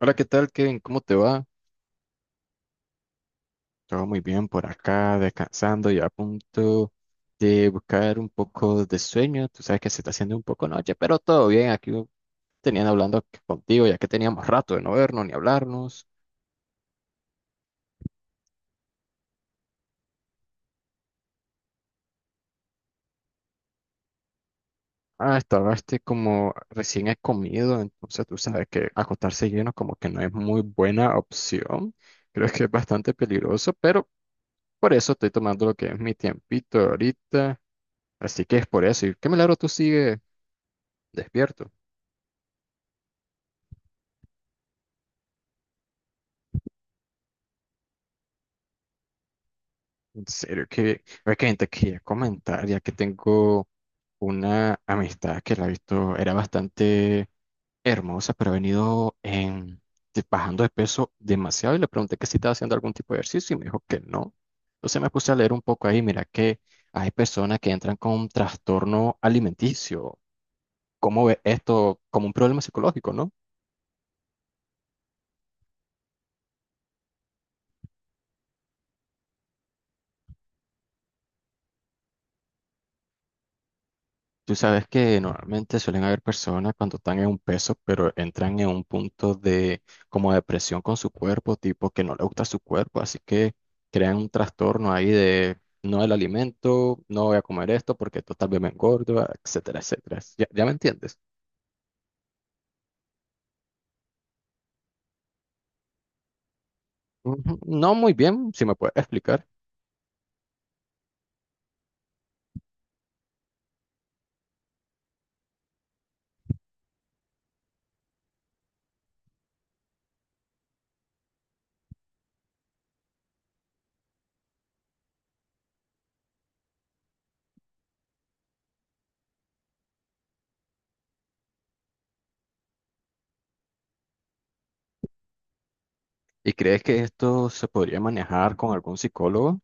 Hola, ¿qué tal, Kevin? ¿Cómo te va? Todo muy bien por acá, descansando y a punto de buscar un poco de sueño. Tú sabes que se está haciendo un poco noche, pero todo bien. Aquí tenían hablando contigo, ya que teníamos rato de no vernos ni hablarnos. Ah, estabas como recién he comido, entonces tú sabes que acostarse lleno como que no es muy buena opción. Creo que es bastante peligroso, pero por eso estoy tomando lo que es mi tiempito ahorita. Así que es por eso. ¿Y qué milagro tú sigues despierto? En serio, que es que te quería comentar, ya que tengo una amistad que la he visto, era bastante hermosa, pero ha venido bajando de peso demasiado y le pregunté que si estaba haciendo algún tipo de ejercicio y me dijo que no. Entonces me puse a leer un poco ahí, mira que hay personas que entran con trastorno alimenticio. ¿Cómo ve esto como un problema psicológico, no? Tú sabes que normalmente suelen haber personas cuando están en un peso, pero entran en un punto de como depresión con su cuerpo, tipo que no le gusta su cuerpo, así que crean un trastorno ahí de no el alimento, no voy a comer esto porque esto tal vez me engorda, etcétera, etcétera. ¿Ya me entiendes? Ujú. No muy bien, si me puedes explicar. ¿Y crees que esto se podría manejar con algún psicólogo?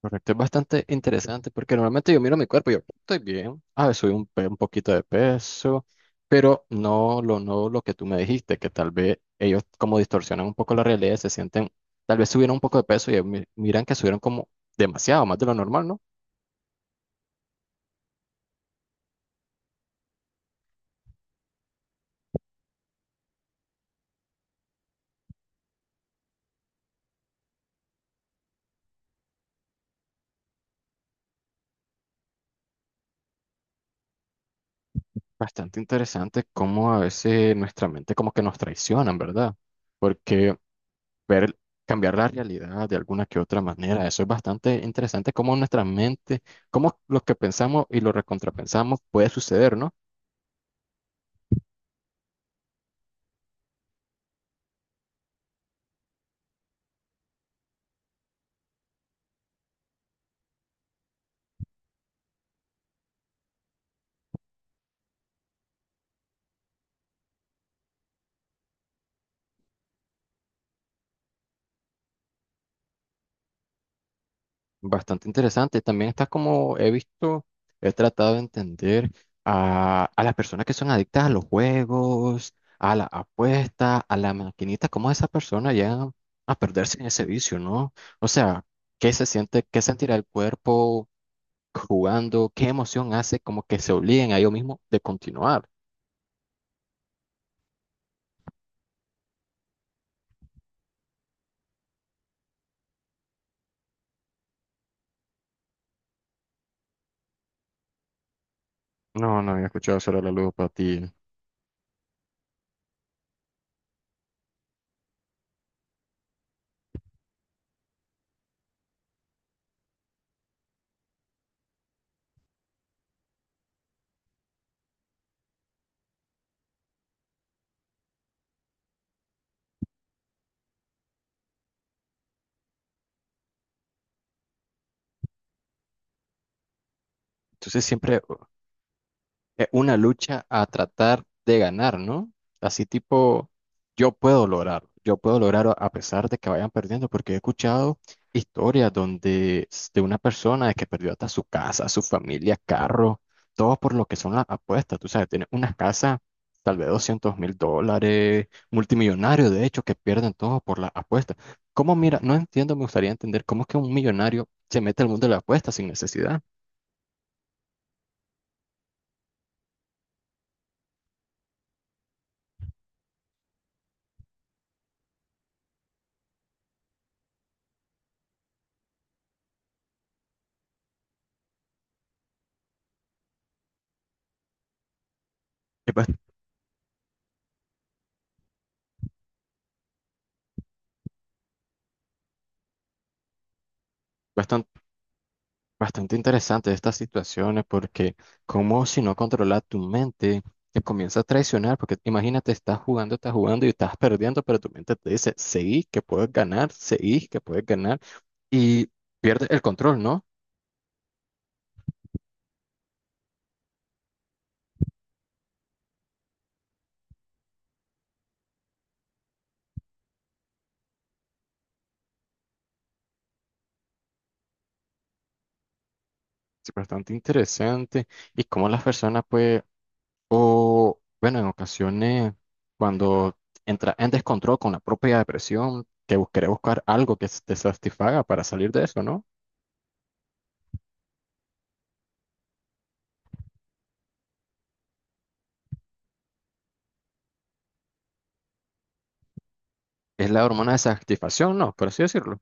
Correcto, es bastante interesante porque normalmente yo miro mi cuerpo y yo estoy bien, ah, subí un poquito de peso, pero no lo que tú me dijiste, que tal vez ellos como distorsionan un poco la realidad, se sienten, tal vez subieron un poco de peso y ellos miran que subieron como demasiado, más de lo normal, ¿no? Bastante interesante cómo a veces nuestra mente como que nos traicionan, ¿verdad? Porque ver, cambiar la realidad de alguna que otra manera. Eso es bastante interesante, cómo nuestra mente, cómo lo que pensamos y lo recontrapensamos puede suceder, ¿no? Bastante interesante. También está como he visto, he tratado de entender a las personas que son adictas a los juegos, a la apuesta, a la maquinita, cómo esas personas llegan a perderse en ese vicio, ¿no? O sea, ¿qué se siente, qué sentirá el cuerpo jugando? ¿Qué emoción hace como que se obliguen a ellos mismos de continuar? No, no había escuchado sobre la ludopatía. Entonces siempre, una lucha a tratar de ganar, ¿no? Así tipo, yo puedo lograrlo a pesar de que vayan perdiendo, porque he escuchado historias de una persona que perdió hasta su casa, su familia, carro, todo por lo que son las apuestas, tú sabes, tiene una casa tal vez $200,000, multimillonario de hecho, que pierden todo por las apuestas. ¿Cómo mira? No entiendo, me gustaría entender cómo es que un millonario se mete al mundo de las apuestas sin necesidad. Es bas- bastante Bastante interesante estas situaciones porque como si no controlas tu mente, te comienza a traicionar porque imagínate, estás jugando y estás perdiendo, pero tu mente te dice, seguí que puedes ganar, seguí que puedes ganar y pierdes el control, ¿no? Es bastante interesante y cómo las personas pues, o bueno, en ocasiones cuando entras en descontrol con la propia depresión, que querés buscar algo que te satisfaga para salir de eso, ¿no? Es la hormona de satisfacción, ¿no? Por así decirlo.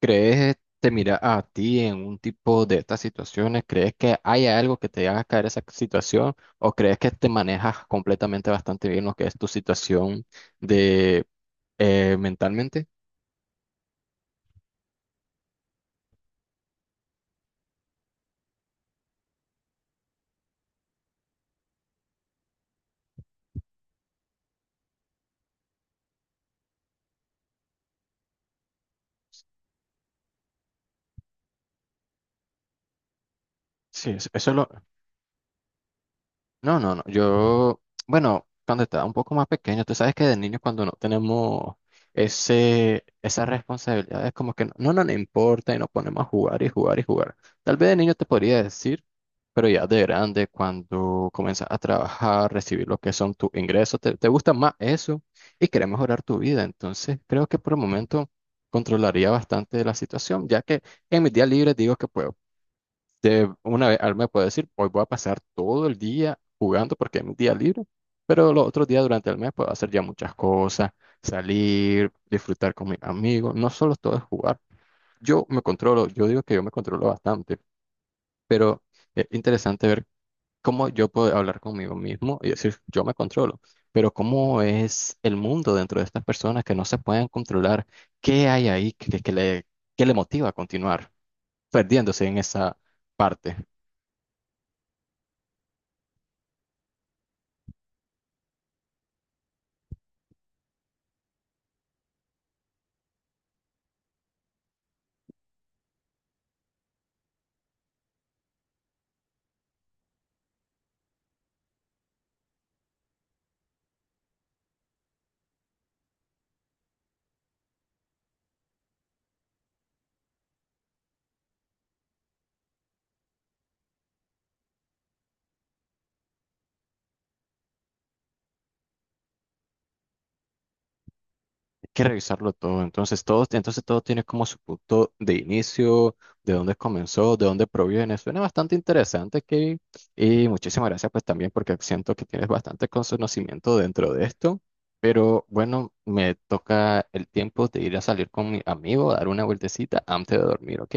¿Crees, te mira a ti en un tipo de estas situaciones? ¿Crees que hay algo que te haga caer esa situación? ¿O crees que te manejas completamente bastante bien lo que es tu situación de mentalmente? Sí, eso es lo… No. Yo, bueno, cuando estaba un poco más pequeño, tú sabes que de niños cuando no tenemos esas responsabilidades, como que no importa y nos ponemos a jugar y jugar y jugar. Tal vez de niño te podría decir, pero ya de grande, cuando comienzas a trabajar, recibir lo que son tus ingresos, te gusta más eso y quieres mejorar tu vida. Entonces, creo que por el momento controlaría bastante la situación, ya que en mis días libres digo que puedo. De una vez, al me puede decir, hoy voy a pasar todo el día jugando porque es mi día libre, pero los otros días durante el mes puedo hacer ya muchas cosas, salir, disfrutar con mis amigos, no solo todo es jugar. Yo me controlo, yo digo que yo me controlo bastante, pero es interesante ver cómo yo puedo hablar conmigo mismo y decir, yo me controlo, pero cómo es el mundo dentro de estas personas que no se pueden controlar, qué hay ahí que le motiva a continuar perdiéndose en esa parte. Que revisarlo todo. Entonces todo tiene como su punto de inicio, de dónde comenzó, de dónde proviene. Suena bastante interesante, Kevin. Y muchísimas gracias pues también porque siento que tienes bastante conocimiento dentro de esto. Pero bueno, me toca el tiempo de ir a salir con mi amigo, dar una vueltecita antes de dormir, ¿ok?